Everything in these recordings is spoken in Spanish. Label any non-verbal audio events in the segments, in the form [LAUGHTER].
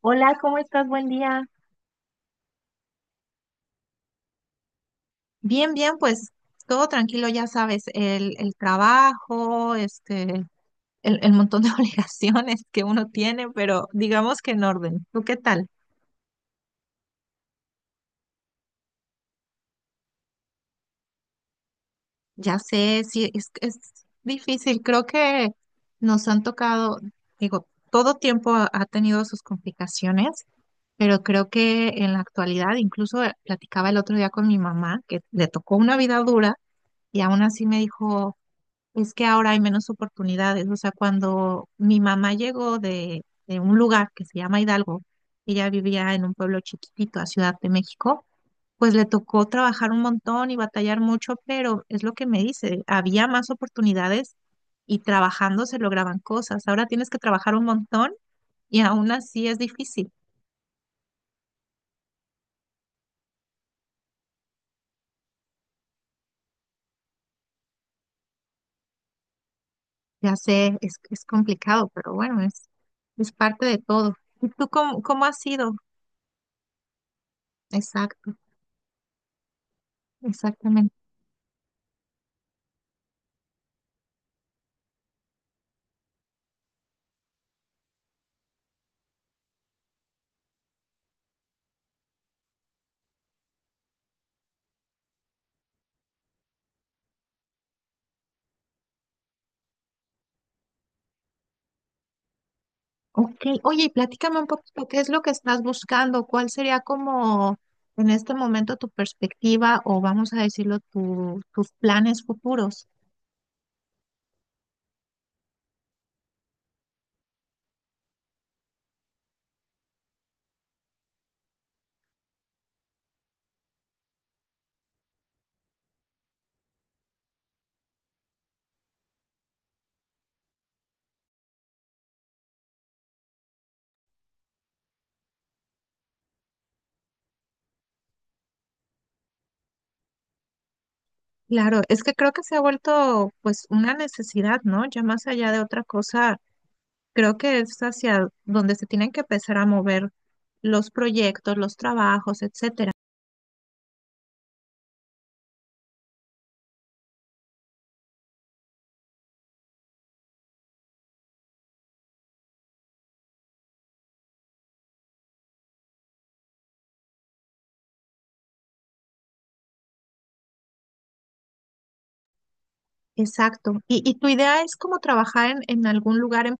Hola, ¿cómo estás? Buen día. Bien, bien, pues todo tranquilo, ya sabes, el trabajo, este, el montón de [LAUGHS] obligaciones que uno tiene, pero digamos que en orden. ¿Tú qué tal? Ya sé, sí, es difícil. Creo que nos han tocado, digo, todo tiempo ha tenido sus complicaciones, pero creo que en la actualidad, incluso platicaba el otro día con mi mamá, que le tocó una vida dura y aún así me dijo... Es que ahora hay menos oportunidades. O sea, cuando mi mamá llegó de un lugar que se llama Hidalgo, ella vivía en un pueblo chiquitito a Ciudad de México, pues le tocó trabajar un montón y batallar mucho, pero es lo que me dice, había más oportunidades y trabajando se lograban cosas. Ahora tienes que trabajar un montón y aún así es difícil. Ya sé, es complicado, pero bueno, es parte de todo. ¿Y tú cómo, cómo has sido? Exacto, exactamente. Ok, oye, y platícame un poquito, ¿qué es lo que estás buscando? ¿Cuál sería como en este momento tu perspectiva o vamos a decirlo, tus planes futuros? Claro, es que creo que se ha vuelto pues una necesidad, ¿no? Ya más allá de otra cosa, creo que es hacia donde se tienen que empezar a mover los proyectos, los trabajos, etcétera. Exacto. Y tu idea es como trabajar en algún lugar?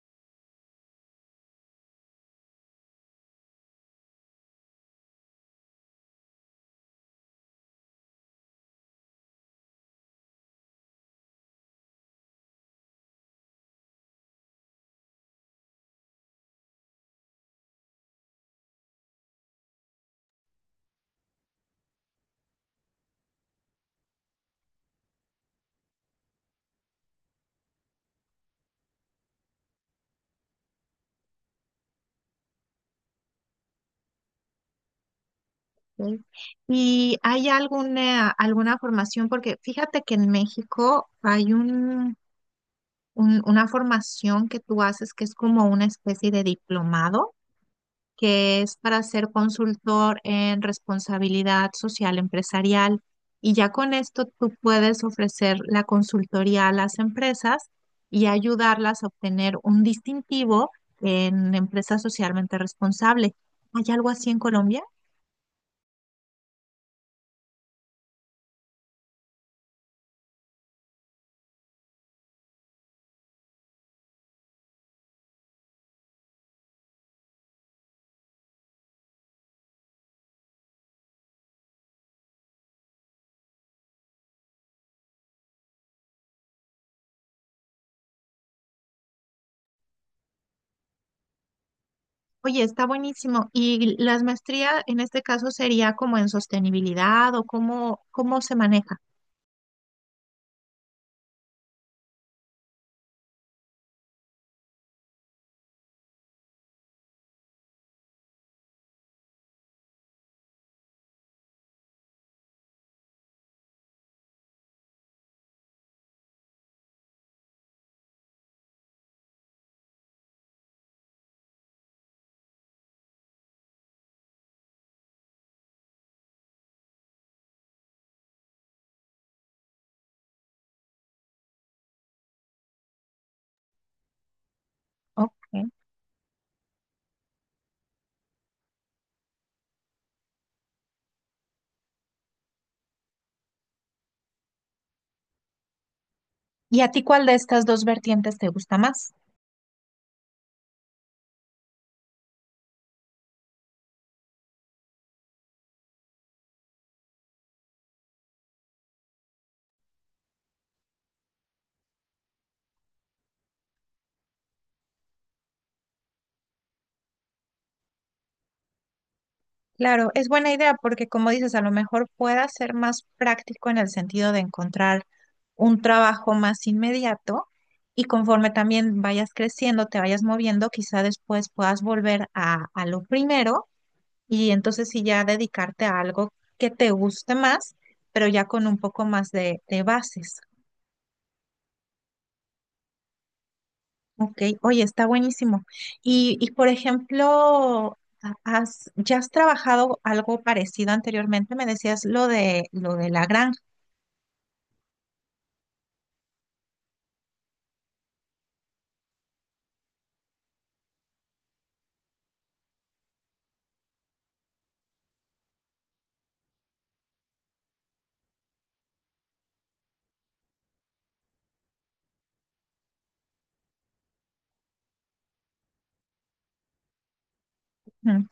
Ok. ¿Y hay alguna, alguna formación? Porque fíjate que en México hay un, una formación que tú haces que es como una especie de diplomado, que es para ser consultor en responsabilidad social empresarial. Y ya con esto tú puedes ofrecer la consultoría a las empresas y ayudarlas a obtener un distintivo en empresa socialmente responsable. ¿Hay algo así en Colombia? Oye, está buenísimo. ¿Y las maestrías en este caso sería como en sostenibilidad o cómo, cómo se maneja? Ok. ¿Y a ti cuál de estas dos vertientes te gusta más? Claro, es buena idea porque como dices, a lo mejor pueda ser más práctico en el sentido de encontrar un trabajo más inmediato y conforme también vayas creciendo, te vayas moviendo, quizá después puedas volver a lo primero. Y entonces sí ya dedicarte a algo que te guste más, pero ya con un poco más de bases. Ok, oye, está buenísimo. Y por ejemplo, ¿ya has trabajado algo parecido anteriormente? Me decías lo de la granja. Ujú.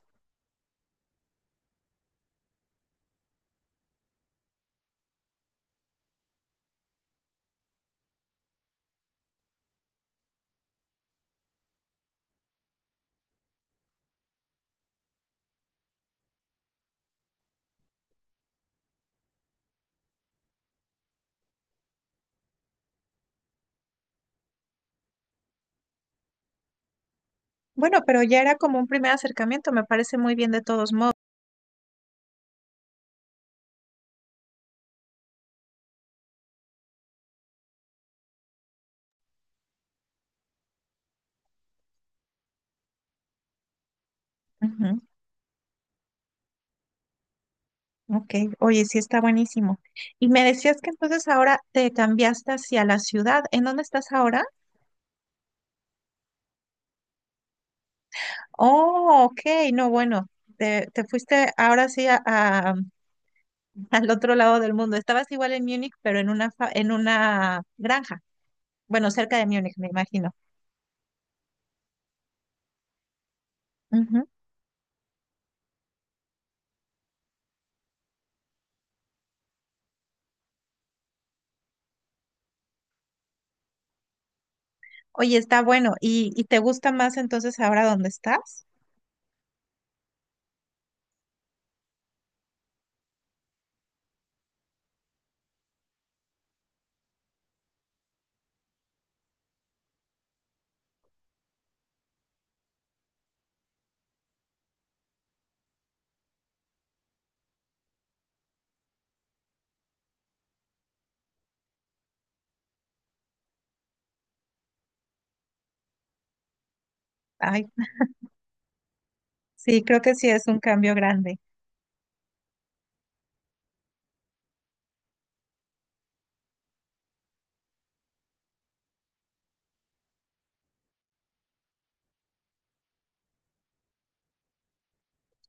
Bueno, pero ya era como un primer acercamiento, me parece muy bien de todos modos. Ujú. Ok, oye, sí está buenísimo. Y me decías que entonces ahora te cambiaste hacia la ciudad. ¿En dónde estás ahora? Oh, ok, no, bueno, te fuiste ahora sí [LAUGHS] al otro lado del mundo. Estabas igual en Múnich, pero en una, en una granja. Bueno, cerca de Múnich, me imagino. Ujú. Oye, está bueno. Y te gusta más entonces ahora dónde estás? Ay, sí, creo que sí es un cambio grande.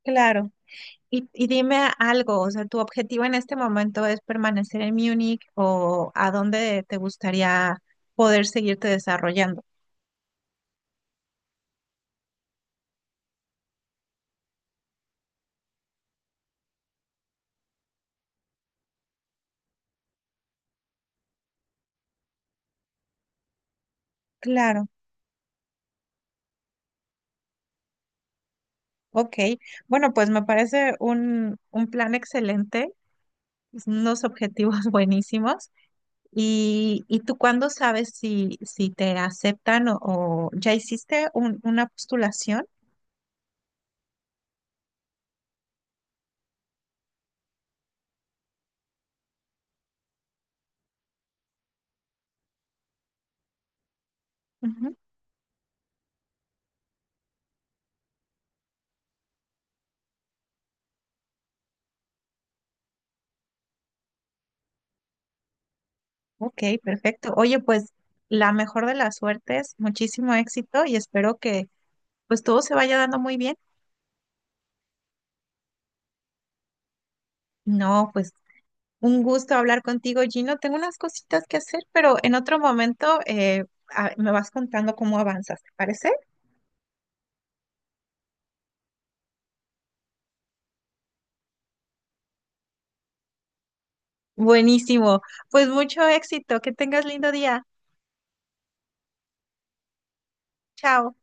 Claro. Y dime algo, o sea, ¿tu objetivo en este momento es permanecer en Múnich o a dónde te gustaría poder seguirte desarrollando? Claro. Ok, bueno, pues me parece un plan excelente, unos objetivos [LAUGHS] buenísimos. Y tú cuándo sabes si, si te aceptan o ya hiciste una postulación? Ujú. Ok, perfecto. Oye, pues la mejor de las suertes, muchísimo éxito y espero que pues todo se vaya dando muy bien. No, pues un gusto hablar contigo, Gino. Tengo unas cositas que hacer, pero en otro momento me vas contando cómo avanzas, ¿te parece? Buenísimo. Pues mucho éxito. Que tengas lindo día. Chao.